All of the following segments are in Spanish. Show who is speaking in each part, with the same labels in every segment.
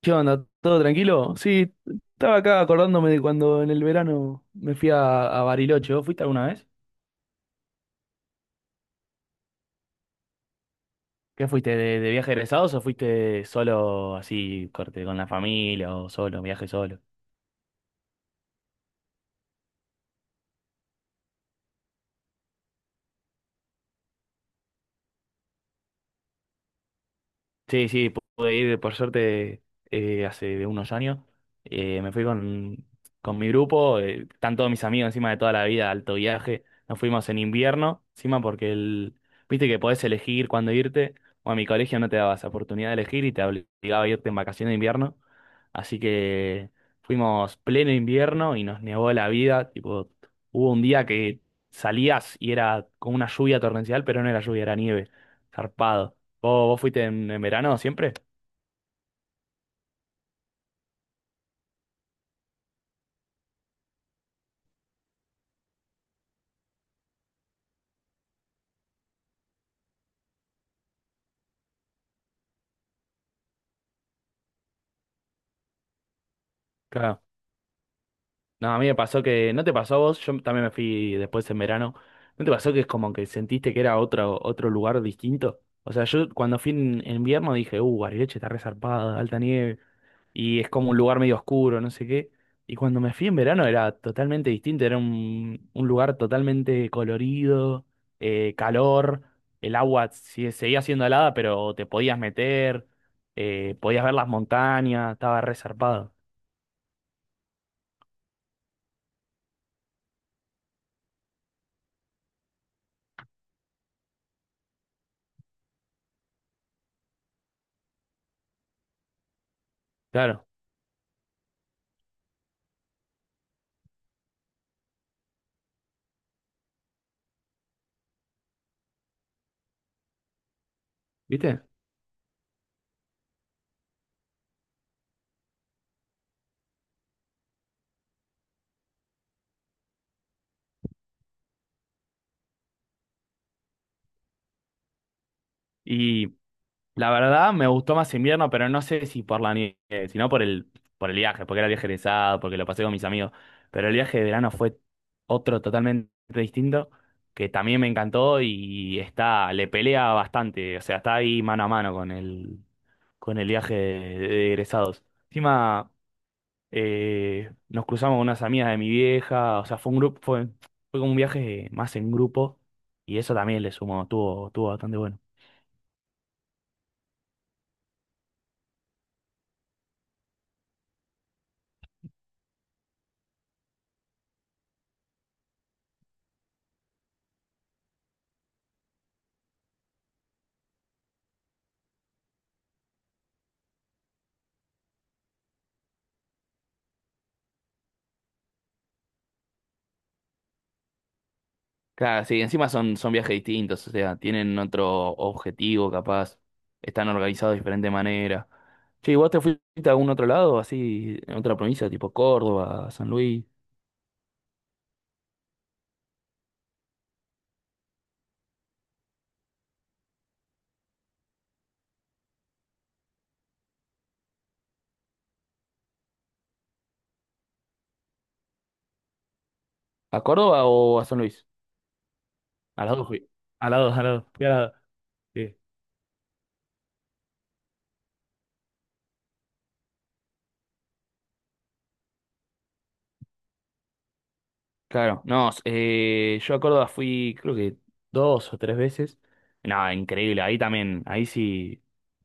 Speaker 1: ¿Qué onda? ¿Todo tranquilo? Sí, estaba acá acordándome de cuando en el verano me fui a Bariloche. ¿Vos fuiste alguna vez? ¿Qué fuiste? ¿¿De viaje egresados o fuiste solo así, corte, con la familia o solo, viaje solo? Sí, sí, pude ir por suerte hace unos años. Me fui con mi grupo, están todos mis amigos encima de toda la vida, alto viaje. Nos fuimos en invierno, encima porque viste que podés elegir cuándo irte. O a mi colegio no te daba esa oportunidad de elegir y te obligaba a irte en vacaciones de invierno. Así que fuimos pleno invierno y nos nevó la vida. Tipo, hubo un día que salías y era con una lluvia torrencial, pero no era lluvia, era nieve. Zarpado. ¿Vos fuiste en verano siempre? Claro. No, a mí me pasó que, ¿no te pasó a vos? Yo también me fui después en verano. ¿No te pasó que es como que sentiste que era otro, otro lugar distinto? O sea, yo cuando fui en invierno dije, Bariloche está resarpada, alta nieve, y es como un lugar medio oscuro, no sé qué. Y cuando me fui en verano era totalmente distinto, era un lugar totalmente colorido, calor, el agua si- seguía siendo helada, pero te podías meter, podías ver las montañas, estaba resarpado. Claro, ¿viste? Y la verdad, me gustó más invierno, pero no sé si por la nieve, sino por por el viaje, porque era viaje egresado, porque lo pasé con mis amigos. Pero el viaje de verano fue otro totalmente distinto, que también me encantó y está, le pelea bastante, o sea, está ahí mano a mano con con el viaje de egresados. Encima, nos cruzamos con unas amigas de mi vieja, o sea, fue un grupo, fue como un viaje más en grupo, y eso también le sumó, tuvo bastante bueno. Claro, sí, encima son, son viajes distintos, o sea, tienen otro objetivo capaz, están organizados de diferente manera. Che, ¿y vos te fuiste a algún otro lado, así, en otra provincia, tipo Córdoba, San Luis? ¿A Córdoba o a San Luis? A las dos fui. Al lado, al lado. Fui al lado. Sí. Claro, no, yo a Córdoba fui creo que dos o tres veces. Nada, increíble, ahí también, ahí sí,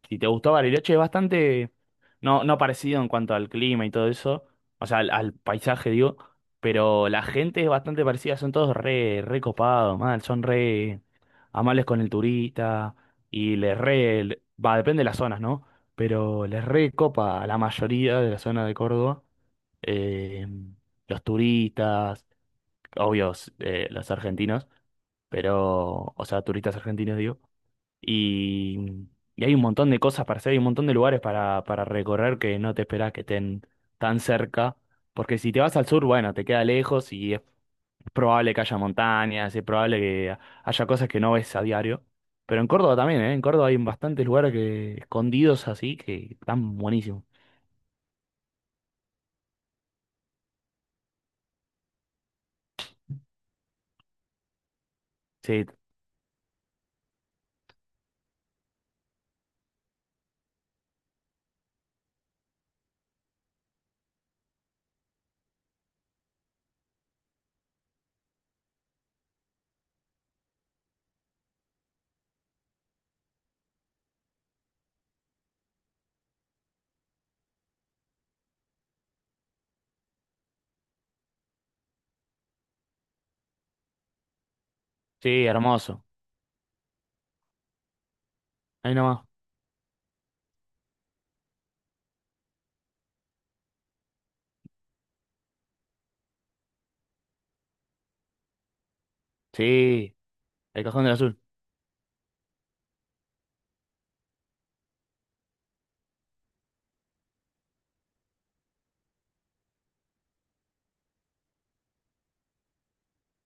Speaker 1: si te gustó Bariloche es bastante, no, no parecido en cuanto al clima y todo eso, o sea, al paisaje digo, pero la gente es bastante parecida, son todos re, re copados, mal, son re amables con el turista y les va, depende de las zonas, ¿no? Pero les re copa a la mayoría de la zona de Córdoba, eh, los turistas obvios, los argentinos, pero, o sea, turistas argentinos, digo. Y, y hay un montón de cosas para hacer, hay un montón de lugares para recorrer que no te esperás que estén tan cerca, porque si te vas al sur, bueno, te queda lejos y es probable que haya montañas, es probable que haya cosas que no ves a diario. Pero en Córdoba también, ¿eh? En Córdoba hay bastantes lugares que, escondidos así que están buenísimos. Sí, sí, hermoso. Ahí nomás. Sí, el Cajón del Azul.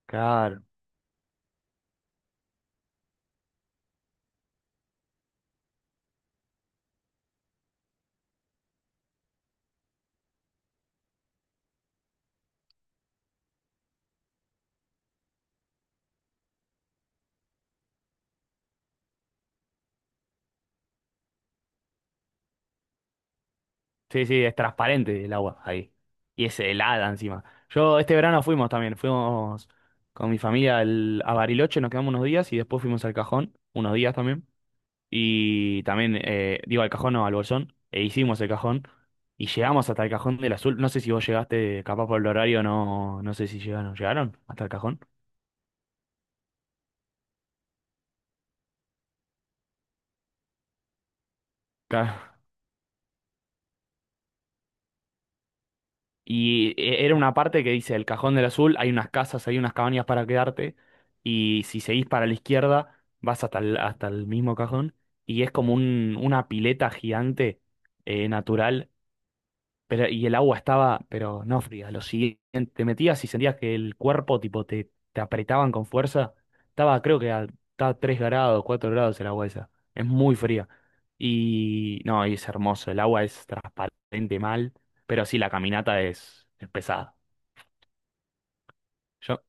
Speaker 1: Claro. Sí, sí, es transparente el agua ahí. Y es helada encima. Yo este verano fuimos también, fuimos con mi familia a Bariloche, nos quedamos unos días y después fuimos al Cajón, unos días también. Y también, digo al Cajón, no, al Bolsón, e hicimos el Cajón y llegamos hasta el Cajón del Azul. No sé si vos llegaste, capaz por el horario, no, no sé si llegaron. ¿Llegaron hasta el Cajón? Y era una parte que dice, el Cajón del Azul, hay unas casas, hay unas cabañas para quedarte, y si seguís para la izquierda, vas hasta hasta el mismo cajón, y es como una pileta gigante, natural. Pero, y el agua estaba, pero no fría. Lo siguiente, te metías y sentías que el cuerpo, tipo, te apretaban con fuerza. Estaba, estaba 3 grados, 4 grados el agua esa. Es muy fría. Y no, y es hermoso. El agua es transparente mal, pero sí, la caminata es pesada. Yo,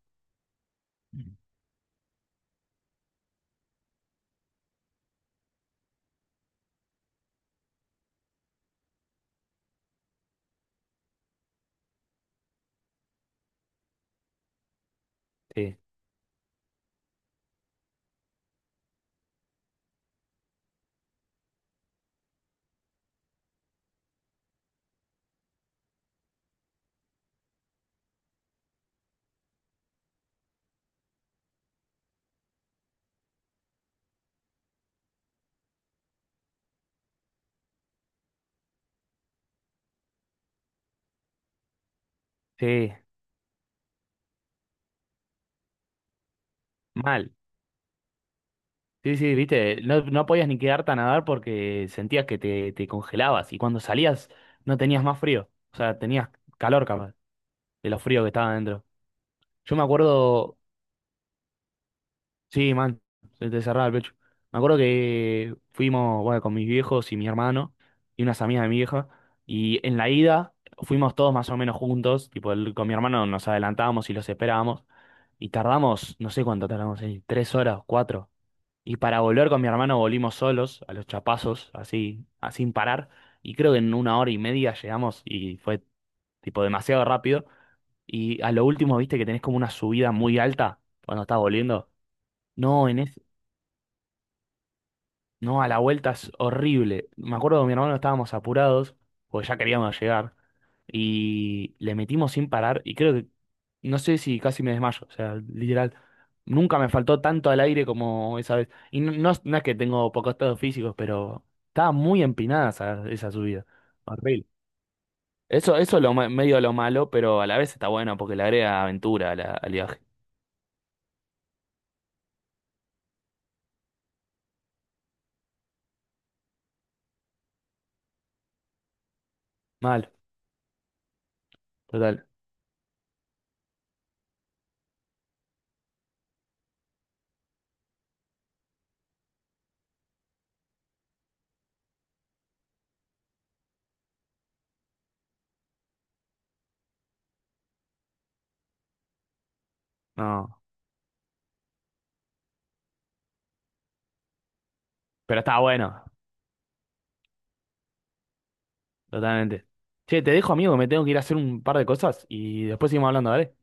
Speaker 1: sí, sí, mal. Sí, sí, viste, no, no podías ni quedarte a nadar porque sentías que te congelabas y cuando salías no tenías más frío. O sea, tenías calor capaz de lo frío que estaba adentro. Yo me acuerdo, sí, man, se te cerraba el pecho. Me acuerdo que fuimos, bueno, con mis viejos y mi hermano y unas amigas de mi vieja. Y en la ida fuimos todos más o menos juntos. Tipo, con mi hermano nos adelantábamos y los esperábamos. Y tardamos, no sé cuánto tardamos, tres horas, cuatro. Y para volver con mi hermano volvimos solos, a los chapazos, así, así sin parar. Y creo que en una hora y media llegamos y fue tipo demasiado rápido. Y a lo último, viste que tenés como una subida muy alta cuando estás volviendo. No, no, a la vuelta es horrible. Me acuerdo que mi hermano estábamos apurados, porque ya queríamos llegar, y le metimos sin parar, y creo que, no sé si casi me desmayo, o sea, literal, nunca me faltó tanto al aire como esa vez. Y no, no es que tengo pocos estados físicos, pero estaba muy empinada esa subida. Horrible. Eso es lo, medio lo malo, pero a la vez está bueno, porque le agrega aventura a al viaje. Mal, total. No, pero está bueno. Totalmente. Che, te dejo, amigo, me tengo que ir a hacer un par de cosas y después seguimos hablando, ¿vale?